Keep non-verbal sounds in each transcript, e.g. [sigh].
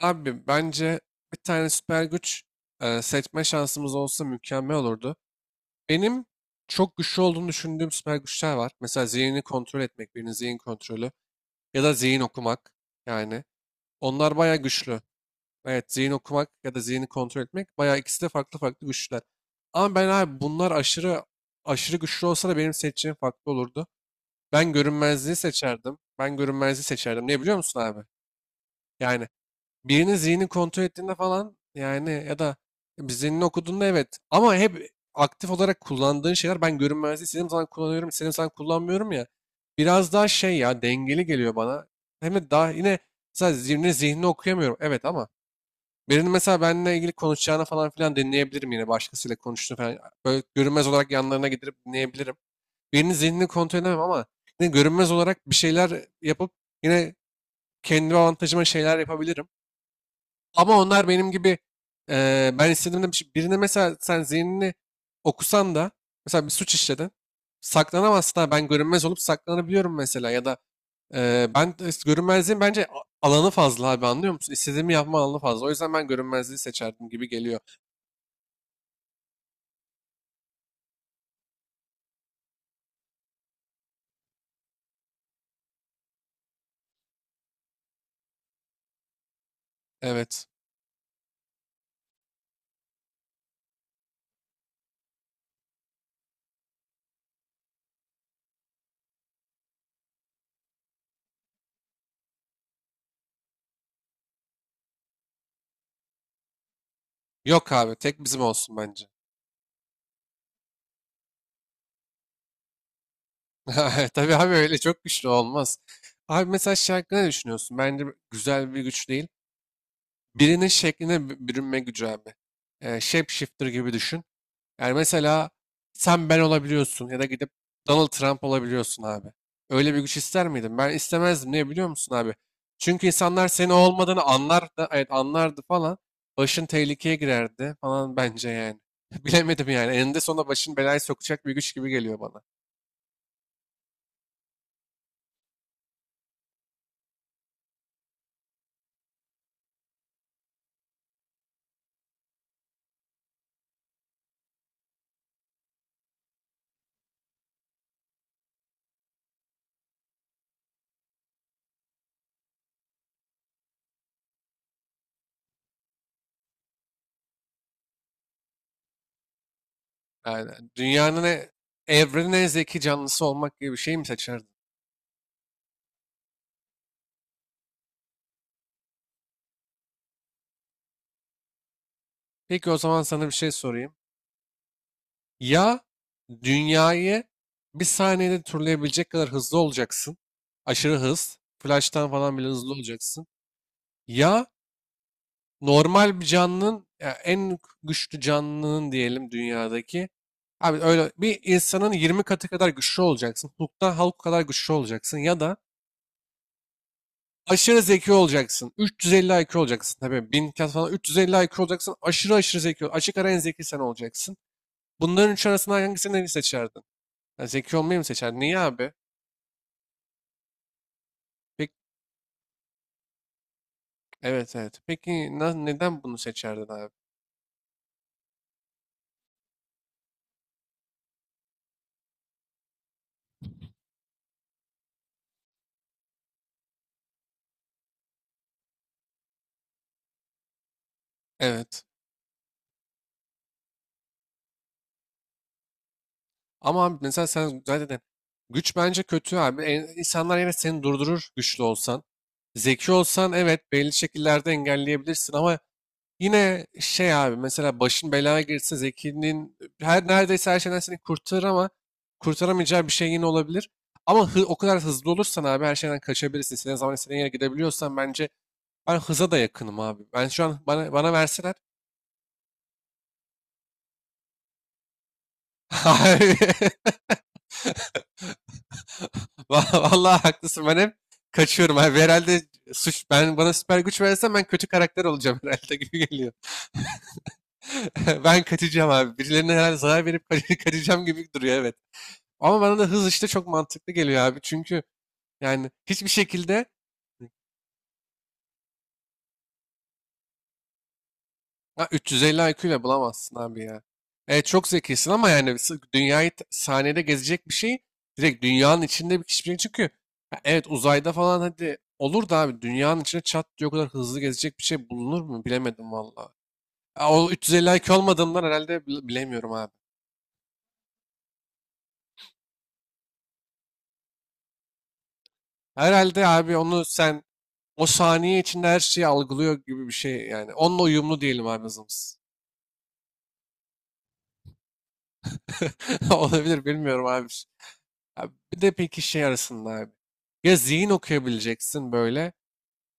Abi bence bir tane süper güç seçme şansımız olsa mükemmel olurdu. Benim çok güçlü olduğunu düşündüğüm süper güçler var. Mesela zihnini kontrol etmek, birinin zihin kontrolü ya da zihin okumak yani. Onlar bayağı güçlü. Evet, zihin okumak ya da zihni kontrol etmek bayağı ikisi de farklı farklı güçler. Ama ben abi bunlar aşırı aşırı güçlü olsa da benim seçeceğim farklı olurdu. Ben görünmezliği seçerdim. Ben görünmezliği seçerdim. Ne biliyor musun abi? Yani birinin zihnini kontrol ettiğinde falan yani ya da bir zihnini okuduğunda evet. Ama hep aktif olarak kullandığın şeyler, ben görünmezliği istediğim zaman kullanıyorum, istediğim zaman kullanmıyorum ya. Biraz daha şey, ya, dengeli geliyor bana. Hem de daha yine mesela zihnini okuyamıyorum. Evet, ama birinin mesela benimle ilgili konuşacağını falan filan dinleyebilirim, yine başkasıyla konuştuğunu falan. Böyle görünmez olarak yanlarına gidip dinleyebilirim. Birinin zihnini kontrol edemem ama yine görünmez olarak bir şeyler yapıp yine kendi avantajıma şeyler yapabilirim. Ama onlar benim gibi ben istediğimde birine mesela sen zihnini okusan da mesela bir suç işledin. Saklanamazsın, ha, ben görünmez olup saklanabiliyorum mesela. Ya da ben de işte görünmezliğin bence alanı fazla abi, anlıyor musun? İstediğimi yapma alanı fazla. O yüzden ben görünmezliği seçerdim gibi geliyor. Evet. Yok abi, tek bizim olsun bence. [laughs] Tabii abi, öyle çok güçlü olmaz. Abi mesela şey hakkında ne düşünüyorsun? Bence güzel bir güç değil. Birinin şekline bürünme gücü abi. Shapeshifter gibi düşün. Yani mesela sen ben olabiliyorsun ya da gidip Donald Trump olabiliyorsun abi. Öyle bir güç ister miydin? Ben istemezdim. Niye biliyor musun abi? Çünkü insanlar senin o olmadığını anlardı, evet anlardı falan. Başın tehlikeye girerdi falan bence yani. [laughs] Bilemedim yani. Eninde sonunda başın belaya sokacak bir güç gibi geliyor bana. Yani dünyanın, e- evrenin en zeki canlısı olmak gibi bir şey mi seçerdin? Peki, o zaman sana bir şey sorayım. Ya dünyayı bir saniyede turlayabilecek kadar hızlı olacaksın. Aşırı hız. Flash'tan falan bile hızlı olacaksın. Ya normal bir canlının, ya en güçlü canlının diyelim dünyadaki. Abi öyle bir insanın 20 katı kadar güçlü olacaksın. Hulk kadar güçlü olacaksın. Ya da aşırı zeki olacaksın. 350 IQ olacaksın. Tabii 1000 kat falan, 350 IQ olacaksın. Aşırı aşırı zeki. Açık ara en zeki sen olacaksın. Bunların üç arasından hangisini seçerdin? Ya, zeki olmayı mı seçerdin? Niye abi? Peki, evet evet. Peki, neden bunu seçerdin abi? Evet. Ama abi mesela sen zaten güç bence kötü abi. İnsanlar yine seni durdurur güçlü olsan. Zeki olsan, evet, belli şekillerde engelleyebilirsin ama yine şey abi, mesela başın belaya girse zekinin neredeyse her şeyden seni kurtarır ama kurtaramayacağı bir şey yine olabilir. Ama o kadar hızlı olursan abi her şeyden kaçabilirsin. İstediğin zaman istediğin yere gidebiliyorsan bence ben hıza da yakınım abi. Ben şu an bana verseler. [laughs] Abi. [laughs] Vallahi haklısın, ben hep kaçıyorum abi. Herhalde ben, bana süper güç versen ben kötü karakter olacağım herhalde, [laughs] gibi geliyor. [laughs] Ben kaçacağım abi. Birilerine herhalde zarar verip [laughs] kaçacağım gibi duruyor, evet. Ama bana da hız işte çok mantıklı geliyor abi. Çünkü yani hiçbir şekilde. Ya 350 IQ ile bulamazsın abi ya. Evet, çok zekisin ama yani dünyayı saniyede gezecek bir şey, direkt dünyanın içinde bir kişi çünkü. Ya evet, uzayda falan hadi olur da abi, dünyanın içine çat diye o kadar hızlı gezecek bir şey bulunur mu bilemedim valla. Ya o 350 IQ olmadığından herhalde bilemiyorum abi. Herhalde abi, onu sen o saniye içinde her şeyi algılıyor gibi bir şey yani. Onunla uyumlu diyelim abi hızımız. [laughs] Olabilir, bilmiyorum abi. Abi bir de peki şey arasında abi. Ya zihin okuyabileceksin böyle.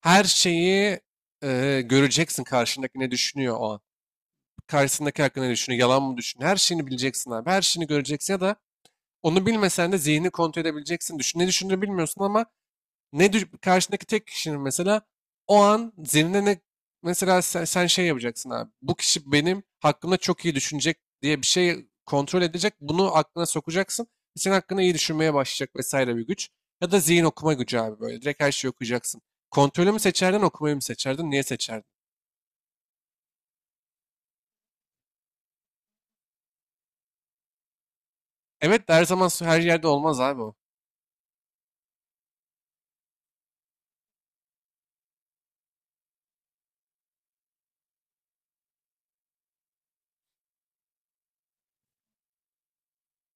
Her şeyi göreceksin, karşındaki ne düşünüyor o an. Karşısındaki hakkında ne düşünüyor, yalan mı düşünüyor. Her şeyini bileceksin abi. Her şeyini göreceksin. Ya da onu bilmesen de zihnini kontrol edebileceksin. Düşün, ne düşündüğünü bilmiyorsun ama karşındaki tek kişinin mesela o an zihnine ne, mesela sen şey yapacaksın abi. Bu kişi benim hakkımda çok iyi düşünecek diye bir şey kontrol edecek. Bunu aklına sokacaksın. Senin hakkında iyi düşünmeye başlayacak vesaire, bir güç. Ya da zihin okuma gücü abi böyle. Direkt her şeyi okuyacaksın. Kontrolü mü seçerdin, okumayı mı seçerdin, niye seçerdin? Evet de her zaman her yerde olmaz abi o.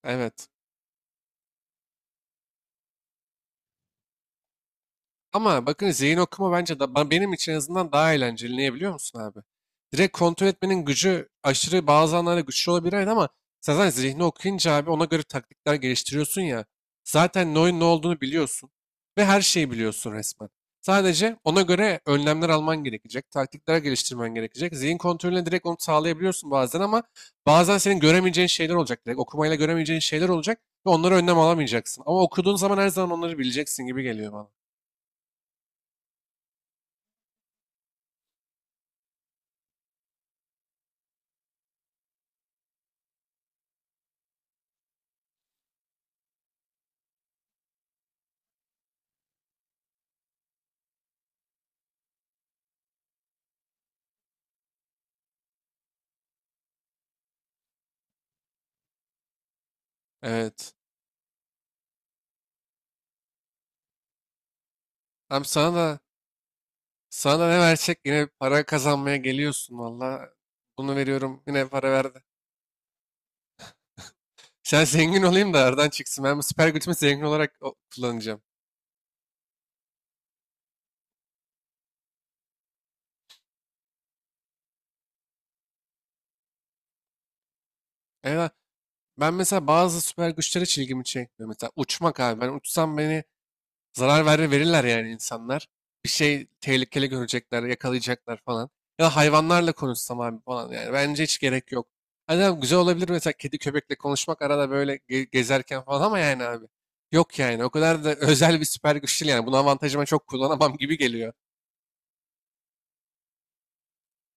Evet. Ama bakın, zihin okuma bence benim için en azından daha eğlenceli. Niye biliyor musun abi? Direkt kontrol etmenin gücü aşırı bazı anlarda güçlü olabilir, evet, ama sen zaten zihni okuyunca abi ona göre taktikler geliştiriyorsun ya. Zaten ne olduğunu biliyorsun ve her şeyi biliyorsun resmen. Sadece ona göre önlemler alman gerekecek, taktikler geliştirmen gerekecek. Zihin kontrolüne direkt onu sağlayabiliyorsun bazen ama bazen senin göremeyeceğin şeyler olacak. Direkt okumayla göremeyeceğin şeyler olacak ve onlara önlem alamayacaksın. Ama okuduğun zaman her zaman onları bileceksin gibi geliyor bana. Evet. Abi sana da ne versek yine para kazanmaya geliyorsun valla. Bunu veriyorum, yine para verdi. Sen zengin olayım da aradan çıksın. Ben bu süper gücümü zengin olarak kullanacağım. Evet. Ben mesela bazı süper güçler hiç ilgimi çekmiyor. Mesela uçmak abi. Ben uçsam beni, zarar verirler yani insanlar. Bir şey, tehlikeli görecekler, yakalayacaklar falan. Ya da hayvanlarla konuşsam abi falan yani. Bence hiç gerek yok. Hani abi güzel olabilir mesela kedi köpekle konuşmak arada böyle gezerken falan ama yani abi. Yok yani, o kadar da [laughs] özel bir süper güç değil yani. Bunu avantajıma çok kullanamam gibi geliyor.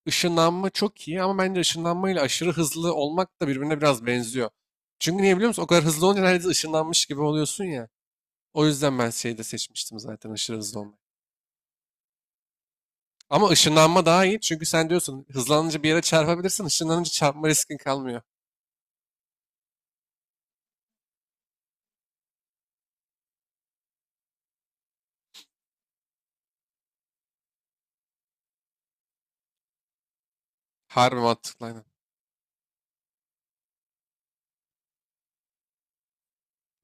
Işınlanma çok iyi ama bence ışınlanmayla aşırı hızlı olmak da birbirine biraz benziyor. Çünkü niye biliyor musun? O kadar hızlı olunca neredeyse ışınlanmış gibi oluyorsun ya. O yüzden ben şeyi de seçmiştim zaten, aşırı hızlı olmayı. Ama ışınlanma daha iyi çünkü sen diyorsun hızlanınca bir yere çarpabilirsin. Işınlanınca çarpma riskin kalmıyor. Harbi mantıklı, aynen.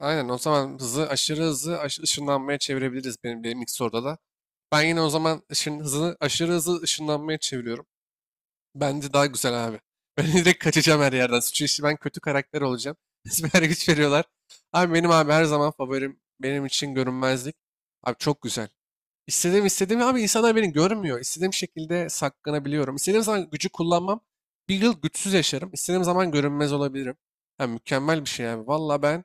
Aynen, o zaman hızı, aşırı hızı ışınlanmaya çevirebiliriz benim ilk soruda da. Ben yine o zaman ışın hızını, aşırı hızlı ışınlanmaya çeviriyorum. Bence daha güzel abi. [laughs] Ben direkt kaçacağım her yerden, çünkü işi ben kötü karakter olacağım. [laughs] Süper güç veriyorlar. Abi benim abi her zaman favorim benim için görünmezlik. Abi çok güzel. İstediğim abi, insanlar beni görmüyor. İstediğim şekilde saklanabiliyorum. İstediğim zaman gücü kullanmam. Bir yıl güçsüz yaşarım. İstediğim zaman görünmez olabilirim. Ha, mükemmel bir şey abi. Valla ben,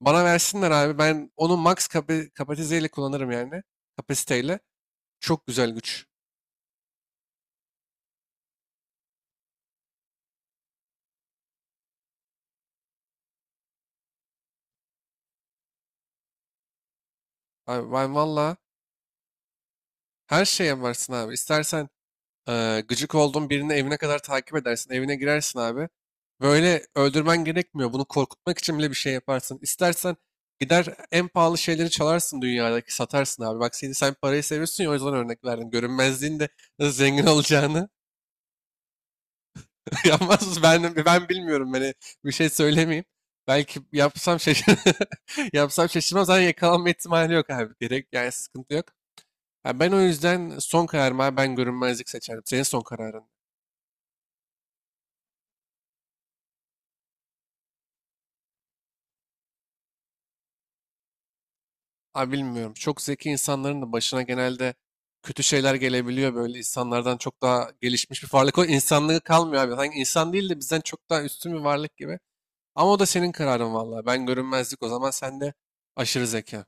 bana versinler abi. Ben onu max kapasiteyle kullanırım yani. Kapasiteyle. Çok güzel güç. Abi ben valla her şeye varsın abi. İstersen gıcık olduğun birini evine kadar takip edersin. Evine girersin abi. Böyle öldürmen gerekmiyor. Bunu korkutmak için bile bir şey yaparsın. İstersen gider en pahalı şeyleri çalarsın dünyadaki, satarsın abi. Bak, sen parayı seviyorsun ya, o yüzden örnek verdim. Görünmezliğin de nasıl zengin olacağını [laughs] yapmaz. Ben bilmiyorum. Beni, bir şey söylemeyeyim. Belki yapsam şaşır, [laughs] yapsam şaşırmam. Zaten yakalanma ihtimali yok abi. Gerek yani, sıkıntı yok. Ha, ben o yüzden son kararımı abi, ben görünmezlik seçerim. Senin son kararın. Abi bilmiyorum. Çok zeki insanların da başına genelde kötü şeyler gelebiliyor. Böyle insanlardan çok daha gelişmiş bir varlık. O insanlığı kalmıyor abi. Sanki insan değil de bizden çok daha üstün bir varlık gibi. Ama o da senin kararın vallahi. Ben görünmezlik, o zaman sen de aşırı zeka.